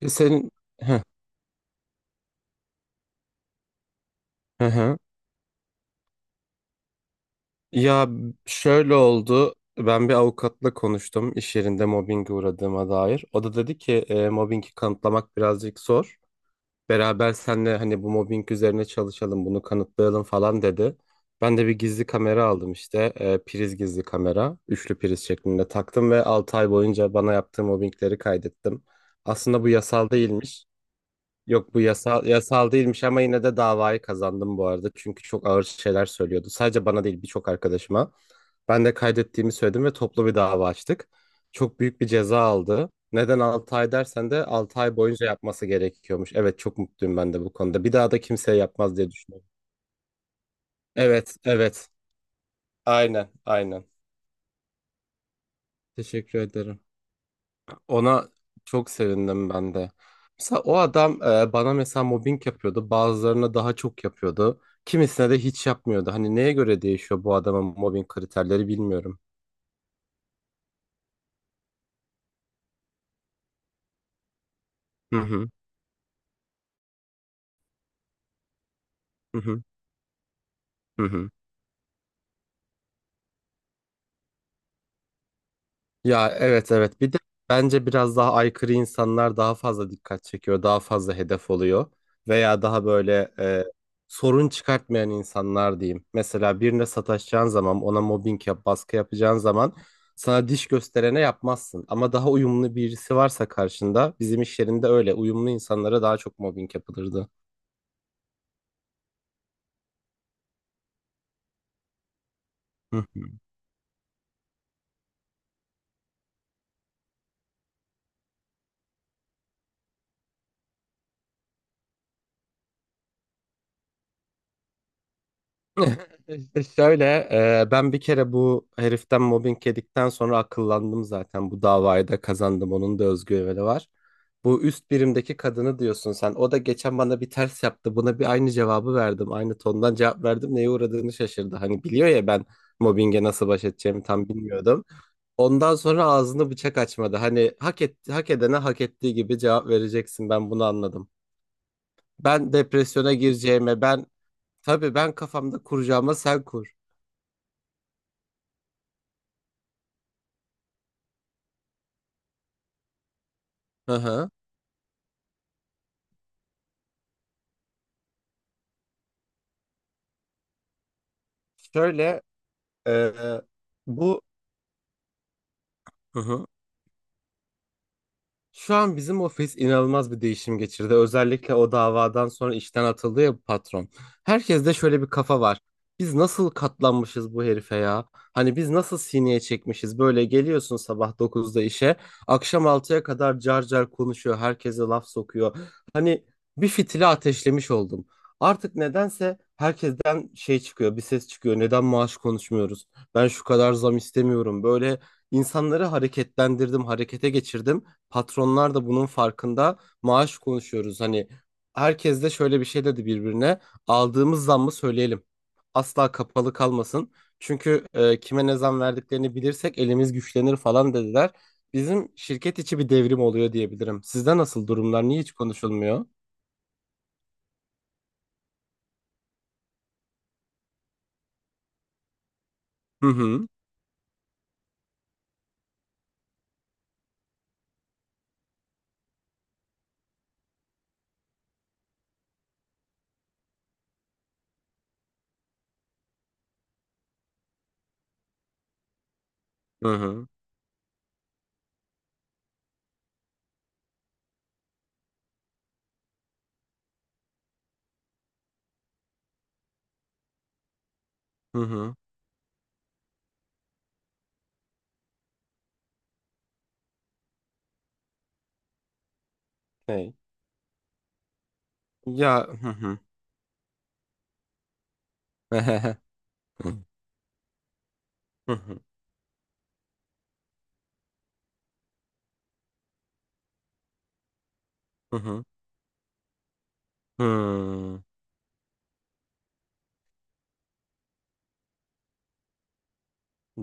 E, Senin Heh, hı hı. Ya şöyle oldu. Ben bir avukatla konuştum iş yerinde mobbinge uğradığıma dair. O da dedi ki mobbingi kanıtlamak birazcık zor. Beraber senle hani bu mobbing üzerine çalışalım, bunu kanıtlayalım falan dedi. Ben de bir gizli kamera aldım işte. Priz gizli kamera. Üçlü priz şeklinde taktım ve 6 ay boyunca bana yaptığı mobbingleri kaydettim. Aslında bu yasal değilmiş. Yok bu yasal, yasal değilmiş ama yine de davayı kazandım bu arada. Çünkü çok ağır şeyler söylüyordu. Sadece bana değil birçok arkadaşıma. Ben de kaydettiğimi söyledim ve toplu bir dava açtık. Çok büyük bir ceza aldı. Neden 6 ay dersen de 6 ay boyunca yapması gerekiyormuş. Evet, çok mutluyum ben de bu konuda. Bir daha da kimseye yapmaz diye düşünüyorum. Evet, evet. Aynen, aynen. Teşekkür ederim. Ona çok sevindim ben de. Mesela o adam bana mesela mobbing yapıyordu. Bazılarına daha çok yapıyordu. Kimisine de hiç yapmıyordu. Hani neye göre değişiyor bu adamın mobbing kriterleri bilmiyorum. Hı hı. Hı hı. Hı hı. Ya, evet evet bir de bence biraz daha aykırı insanlar daha fazla dikkat çekiyor, daha fazla hedef oluyor veya daha böyle sorun çıkartmayan insanlar diyeyim. Mesela birine sataşacağın zaman, ona mobbing yap, baskı yapacağın zaman sana diş gösterene yapmazsın. Ama daha uyumlu birisi varsa karşında, bizim iş yerinde öyle uyumlu insanlara daha çok mobbing yapılırdı. Hı hı. İşte şöyle ben bir kere bu heriften mobbing yedikten sonra akıllandım, zaten bu davayı da kazandım, onun da özgüveni var. Bu üst birimdeki kadını diyorsun sen, o da geçen bana bir ters yaptı, buna bir aynı cevabı verdim, aynı tondan cevap verdim, neye uğradığını şaşırdı. Hani biliyor ya, ben mobbinge nasıl baş edeceğimi tam bilmiyordum. Ondan sonra ağzını bıçak açmadı, hani hak etti, hak edene hak ettiği gibi cevap vereceksin, ben bunu anladım. Ben depresyona gireceğime, ben tabii ben kafamda kuracağıma sen kur. Hı hı. Şöyle e, bu Hı hı. Şu an bizim ofis inanılmaz bir değişim geçirdi. Özellikle o davadan sonra işten atıldı ya bu patron. Herkeste şöyle bir kafa var. Biz nasıl katlanmışız bu herife ya? Hani biz nasıl sineye çekmişiz? Böyle geliyorsun sabah 9'da işe, akşam 6'ya kadar car car konuşuyor, herkese laf sokuyor. Hani bir fitili ateşlemiş oldum. Artık nedense herkesten şey çıkıyor, bir ses çıkıyor. Neden maaş konuşmuyoruz? Ben şu kadar zam istemiyorum. Böyle insanları hareketlendirdim, harekete geçirdim. Patronlar da bunun farkında. Maaş konuşuyoruz. Hani herkes de şöyle bir şey dedi birbirine. Aldığımız zammı söyleyelim. Asla kapalı kalmasın. Çünkü kime ne zam verdiklerini bilirsek elimiz güçlenir falan dediler. Bizim şirket içi bir devrim oluyor diyebilirim. Sizde nasıl durumlar? Niye hiç konuşulmuyor? Hı hı. Hı hı. Hı hı. Hey. Ya, hı hı. Hı hı. Hı hı. Hı hı. Hı.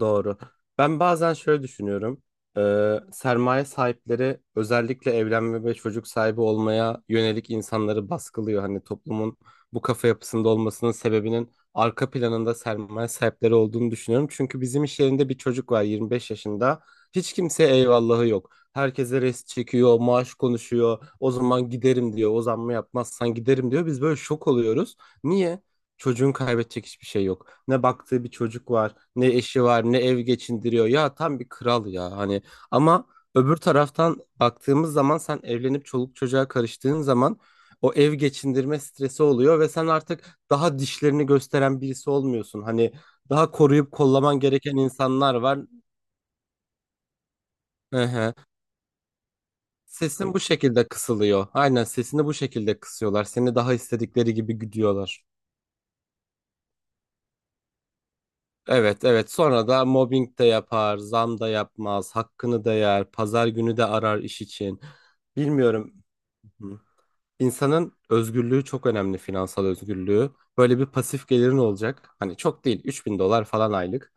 Doğru. Ben bazen şöyle düşünüyorum. Sermaye sahipleri özellikle evlenme ve çocuk sahibi olmaya yönelik insanları baskılıyor. Hani toplumun bu kafa yapısında olmasının sebebinin arka planında sermaye sahipleri olduğunu düşünüyorum. Çünkü bizim iş yerinde bir çocuk var, 25 yaşında. Hiç kimseye eyvallahı yok. Herkese rest çekiyor, maaş konuşuyor. O zaman giderim diyor. O zammı yapmazsan giderim diyor. Biz böyle şok oluyoruz. Niye? Çocuğun kaybedecek hiçbir şey yok. Ne baktığı bir çocuk var, ne eşi var, ne ev geçindiriyor. Ya tam bir kral ya hani. Ama öbür taraftan baktığımız zaman, sen evlenip çoluk çocuğa karıştığın zaman o ev geçindirme stresi oluyor ve sen artık daha dişlerini gösteren birisi olmuyorsun. Hani daha koruyup kollaman gereken insanlar var. Hı. Sesin bu şekilde kısılıyor. Aynen, sesini bu şekilde kısıyorlar. Seni daha istedikleri gibi güdüyorlar. Evet, evet, sonra da mobbing de yapar, zam da yapmaz, hakkını da yer, pazar günü de arar iş için. Bilmiyorum. Hı. İnsanın özgürlüğü çok önemli, finansal özgürlüğü. Böyle bir pasif gelirin olacak. Hani çok değil, 3.000 dolar falan aylık.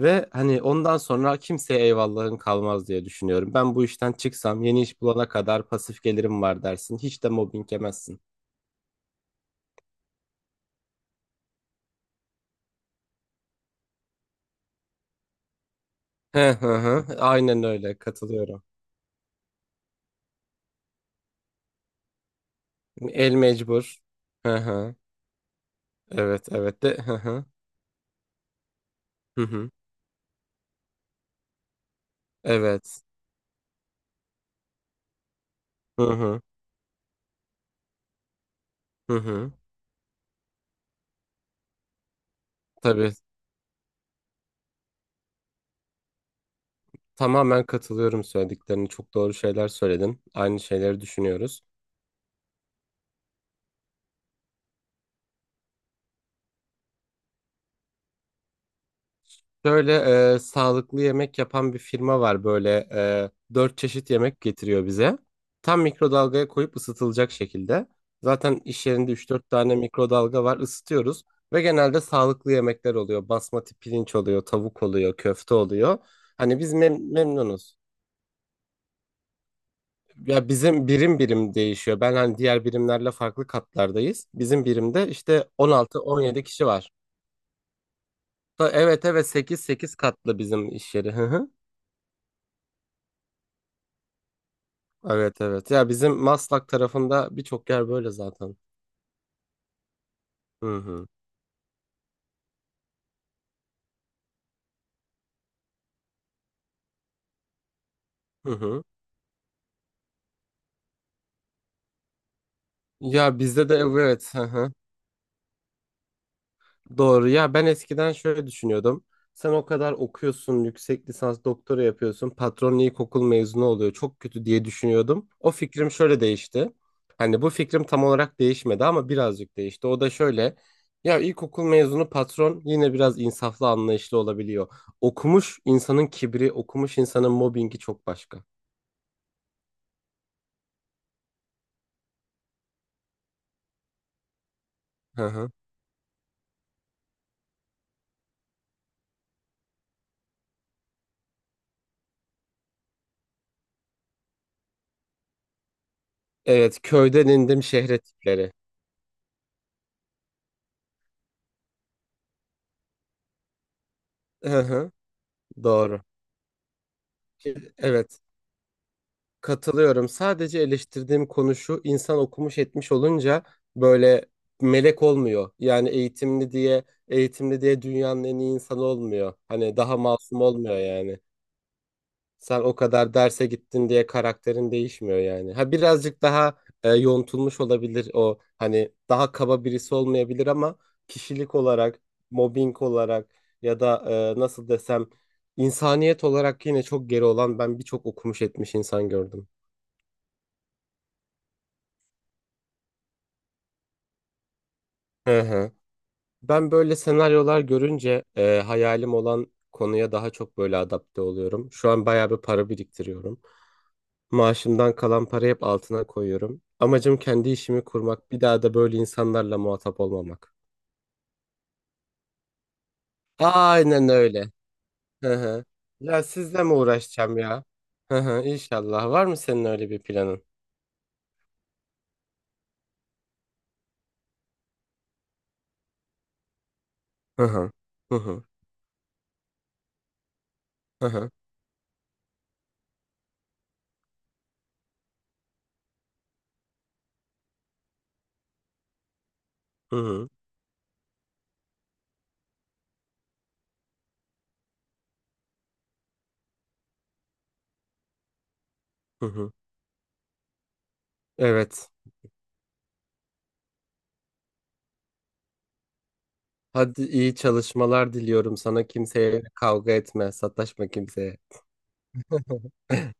Ve hani ondan sonra kimseye eyvallahın kalmaz diye düşünüyorum. Ben bu işten çıksam yeni iş bulana kadar pasif gelirim var dersin. Hiç de mobbing yemezsin. Hı hı hı. Aynen öyle, katılıyorum. El mecbur. Hı hı. Evet evet de hı hı. Hı hı. Evet. Hı hı. Hı hı. Tabii. Tamamen katılıyorum söylediklerine. Çok doğru şeyler söyledin. Aynı şeyleri düşünüyoruz. Böyle sağlıklı yemek yapan bir firma var. Böyle dört çeşit yemek getiriyor bize. Tam mikrodalgaya koyup ısıtılacak şekilde. Zaten iş yerinde üç dört tane mikrodalga var. Isıtıyoruz. Ve genelde sağlıklı yemekler oluyor. Basmati pirinç oluyor, tavuk oluyor, köfte oluyor. Hani biz memnunuz. Ya bizim birim birim değişiyor. Ben hani diğer birimlerle farklı katlardayız. Bizim birimde işte 16-17 kişi var. Evet evet 8-8 katlı bizim iş yeri. Hı hı. Evet evet. Ya bizim Maslak tarafında birçok yer böyle zaten. Hı hı. Hı hı. Ya bizde de evet. Doğru ya, ben eskiden şöyle düşünüyordum. Sen o kadar okuyorsun, yüksek lisans doktora yapıyorsun, patron ilkokul mezunu oluyor, çok kötü diye düşünüyordum. O fikrim şöyle değişti. Hani bu fikrim tam olarak değişmedi ama birazcık değişti. O da şöyle. Ya ilkokul mezunu patron yine biraz insaflı, anlayışlı olabiliyor. Okumuş insanın kibri, okumuş insanın mobbingi çok başka. Hı hı. Evet, köyden indim şehre tipleri. Hı hı. Doğru. Evet. Katılıyorum. Sadece eleştirdiğim konu şu, insan okumuş etmiş olunca böyle melek olmuyor. Yani eğitimli diye, eğitimli diye dünyanın en iyi insanı olmuyor. Hani daha masum olmuyor yani. Sen o kadar derse gittin diye karakterin değişmiyor yani. Ha birazcık daha yontulmuş olabilir o. Hani daha kaba birisi olmayabilir ama kişilik olarak, mobbing olarak ya da nasıl desem, insaniyet olarak yine çok geri olan ben birçok okumuş etmiş insan gördüm. Hı hı. Ben böyle senaryolar görünce hayalim olan konuya daha çok böyle adapte oluyorum. Şu an bayağı bir para biriktiriyorum. Maaşımdan kalan parayı hep altına koyuyorum. Amacım kendi işimi kurmak, bir daha da böyle insanlarla muhatap olmamak. Aynen öyle. Hı hı. Ya sizle mi uğraşacağım ya? Hı hı, İnşallah. Var mı senin öyle bir planın? Hı hı. Hı hı. Hı hı. Hı hı. Hı hı. Evet. Hadi, iyi çalışmalar diliyorum sana. Kimseye kavga etme, sataşma kimseye.